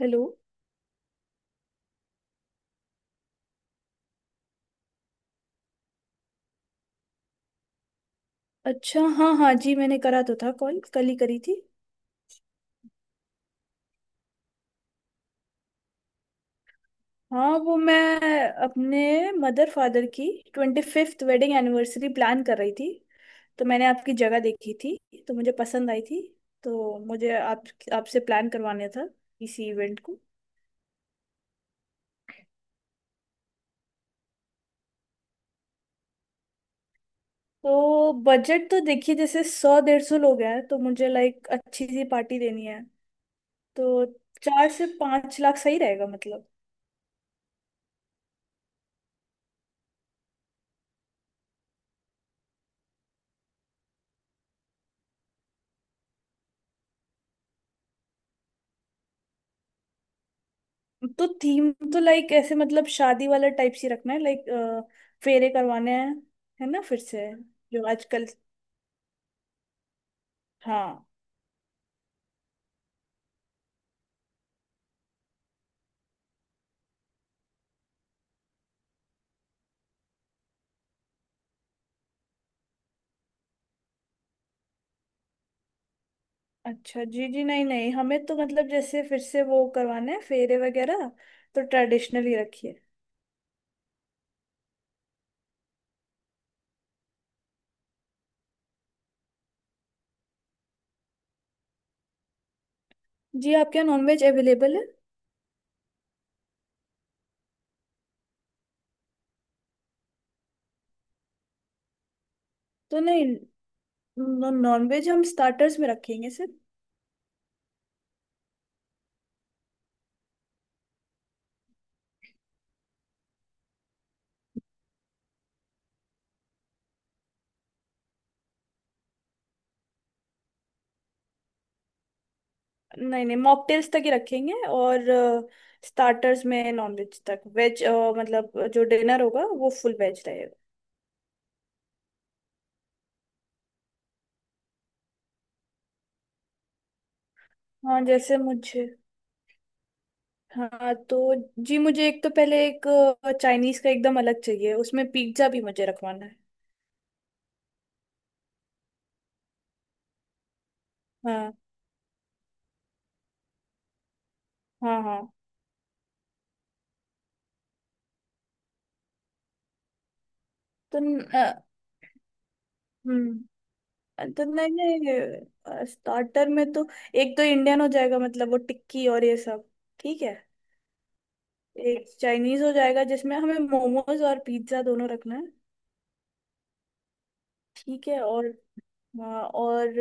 Hello. अच्छा, हाँ हाँ जी, मैंने करा तो था, कॉल कल ही करी थी। हाँ वो, मैं अपने मदर फादर की 25th वेडिंग एनिवर्सरी प्लान कर रही थी। तो मैंने आपकी जगह देखी थी, तो मुझे पसंद आई थी। तो मुझे आप आपसे प्लान करवाने था इसी इवेंट को। तो बजट तो देखिए, जैसे 100 150 लोग हैं तो मुझे लाइक अच्छी सी पार्टी देनी है। तो 4 से 5 लाख सही रहेगा मतलब? तो थीम तो लाइक ऐसे मतलब शादी वाला टाइप सी रखना है, लाइक फेरे करवाने हैं, है ना, फिर से। जो आजकल। हाँ। अच्छा जी, जी नहीं नहीं, हमें तो मतलब जैसे फिर से वो करवाना है फेरे वगैरह, तो ट्रेडिशनल ही रखिए। जी, आपके यहाँ नॉनवेज अवेलेबल है? तो नहीं, नॉनवेज हम स्टार्टर्स में रखेंगे सिर्फ। नहीं नहीं, मॉकटेल्स तक ही रखेंगे, और स्टार्टर्स में नॉनवेज तक, वेज मतलब जो डिनर होगा वो फुल वेज रहेगा। हाँ जैसे मुझे, हाँ तो जी मुझे एक तो पहले, एक चाइनीज का एकदम अलग चाहिए, उसमें पिज्जा भी मुझे रखवाना है। हाँ हाँ। हाँ। तो न- अ, हम्म। तो नहीं नहीं, स्टार्टर में तो एक तो इंडियन हो जाएगा मतलब वो टिक्की और ये सब, ठीक है। एक चाइनीज हो जाएगा जिसमें हमें मोमोज और पिज्जा दोनों रखना है। ठीक है। और हाँ, और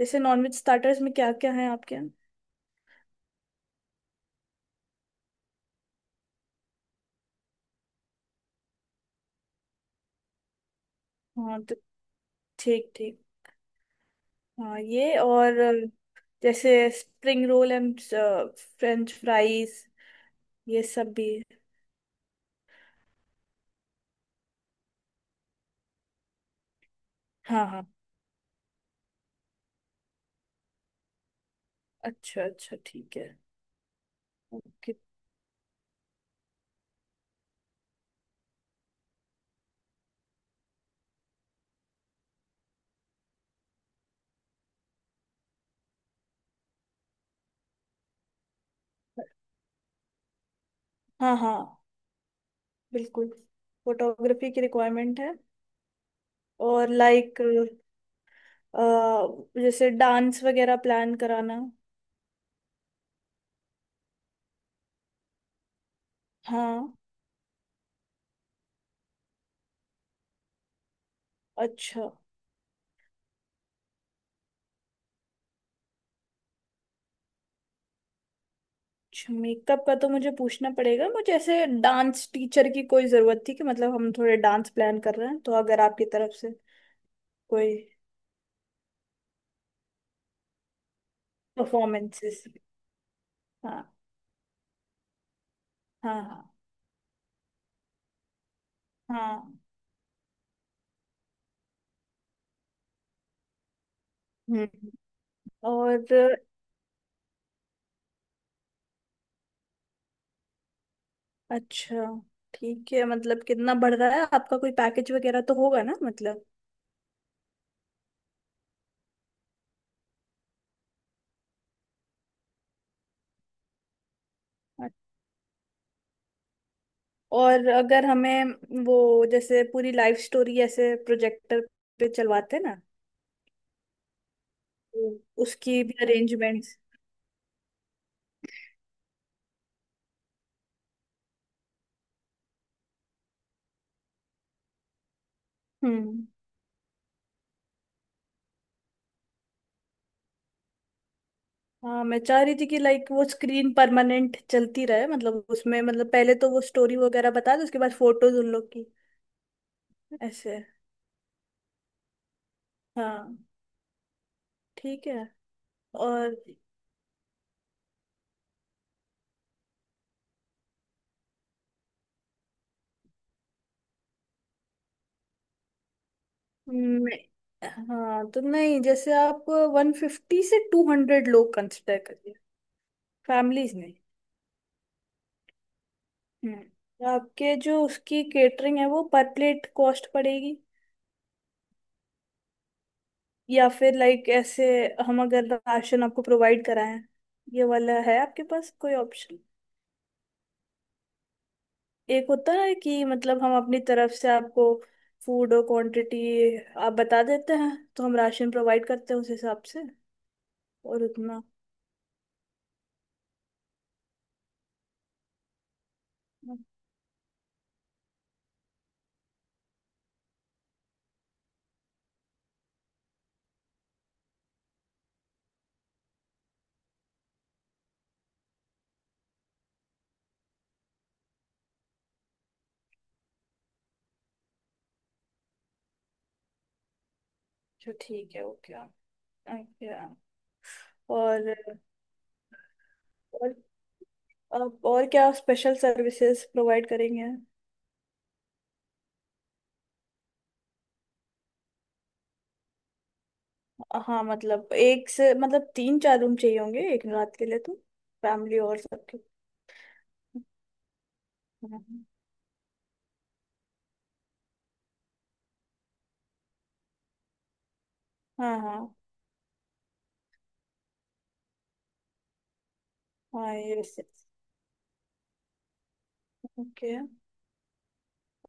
जैसे नॉनवेज स्टार्टर्स में क्या क्या है आपके यहाँ? हाँ तो ठीक ठीक। हाँ ये, और जैसे spring roll and French fries ये सब भी। हाँ हाँ। अच्छा अच्छा, ठीक है। ओके। हाँ हाँ, बिल्कुल, फोटोग्राफी की रिक्वायरमेंट है। और लाइक जैसे डांस वगैरह प्लान कराना। हाँ। अच्छा। अच्छा मेकअप का तो मुझे पूछना पड़ेगा, मुझे ऐसे डांस टीचर की कोई ज़रूरत थी, कि मतलब हम थोड़े डांस प्लान कर रहे हैं तो अगर आपकी तरफ से कोई परफॉर्मेंसेस। हाँ हाँ। हाँ हाँ। हम्म। और अच्छा ठीक है, मतलब कितना बढ़ रहा है आपका, कोई पैकेज वगैरह तो होगा ना मतलब। और अगर हमें वो जैसे पूरी लाइफ स्टोरी ऐसे प्रोजेक्टर पे चलवाते हैं ना। उसकी भी अरेंजमेंट्स। हम्म। हाँ मैं चाह रही थी कि लाइक वो स्क्रीन परमानेंट चलती रहे, मतलब उसमें मतलब पहले तो वो स्टोरी वगैरह बता दो, उसके बाद फोटोज उन लोग की, ऐसे। हाँ। ठीक है। और हाँ तो नहीं जैसे आप 150 से 200 लोग कंसिडर करिए, फैमिलीज नहीं। हम्म, तो आपके जो उसकी केटरिंग है वो पर प्लेट कॉस्ट पड़ेगी या फिर लाइक ऐसे हम अगर राशन आपको प्रोवाइड कराएं, ये वाला है आपके पास कोई ऑप्शन? एक होता है कि मतलब हम अपनी तरफ से आपको फूड और क्वांटिटी आप बता देते हैं तो हम राशन प्रोवाइड करते हैं उस हिसाब से, और उतना। अच्छा ठीक है, ओके। ओके। और और अब और क्या स्पेशल सर्विसेज प्रोवाइड करेंगे? हाँ मतलब एक से मतलब तीन चार रूम चाहिए होंगे एक रात के लिए, तो फैमिली और सबके। हाँ हाँ। हाँ। हाँ, ये ओके।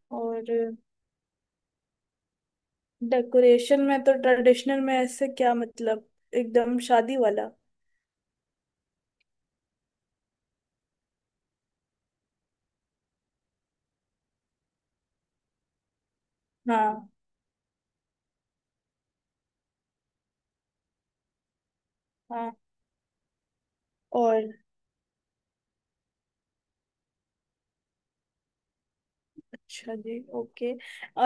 और डेकोरेशन में तो ट्रेडिशनल में ऐसे क्या मतलब एकदम शादी वाला। हाँ। हाँ। और अच्छा जी, ओके।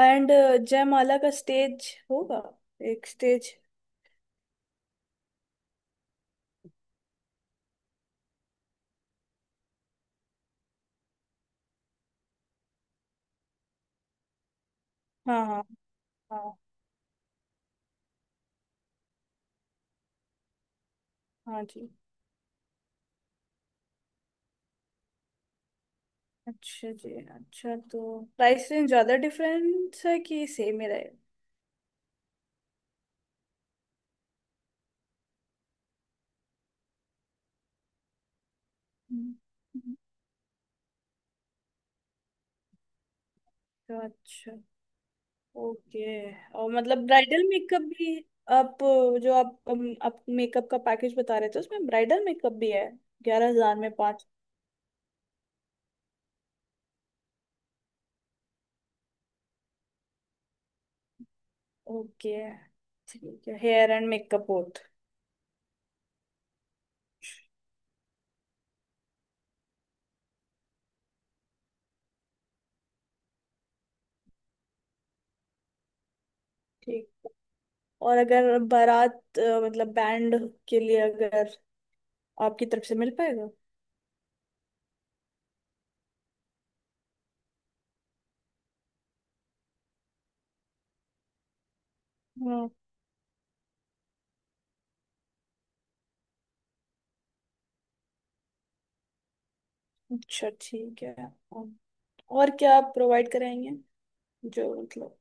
एंड जयमाला का स्टेज होगा, एक स्टेज। हाँ हाँ। हाँ। हाँ जी। अच्छा जी, अच्छा तो प्राइस रेंज ज्यादा डिफरेंस है कि सेम ही रहेगा? हम्म, हम्म। तो अच्छा, ओके। और मतलब ब्राइडल मेकअप भी आप, जो आप मेकअप का पैकेज बता रहे थे उसमें ब्राइडल मेकअप भी है, 11 हज़ार में पाँच? ओके। ठीक है, हेयर एंड मेकअप बोथ। ठीक है। और अगर बारात मतलब बैंड के लिए अगर आपकी तरफ से मिल पाएगा। हम्म। अच्छा ठीक है। और और क्या आप प्रोवाइड कराएंगे जो मतलब।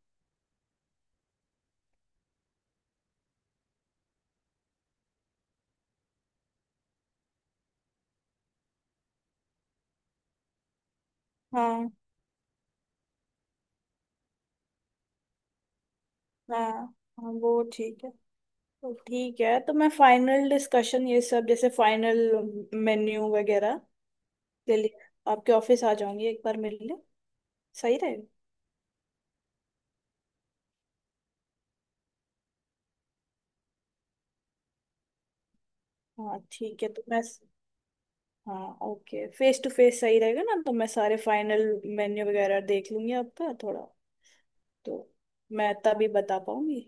हाँ हाँ। हाँ वो ठीक है। तो ठीक है, तो मैं फाइनल डिस्कशन ये सब जैसे फाइनल मेन्यू वगैरह के लिए आपके ऑफिस आ जाऊंगी एक बार मिलने। सही रहेगा। हाँ ठीक है, तो मैं हाँ ओके, फेस टू फेस सही रहेगा ना तो मैं सारे फाइनल मेन्यू वगैरह देख लूंगी आपका थोड़ा। तो मैं तभी बता पाऊंगी।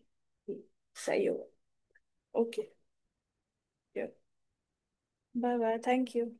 ठीक, सही होगा। Okay. Bye bye, thank you.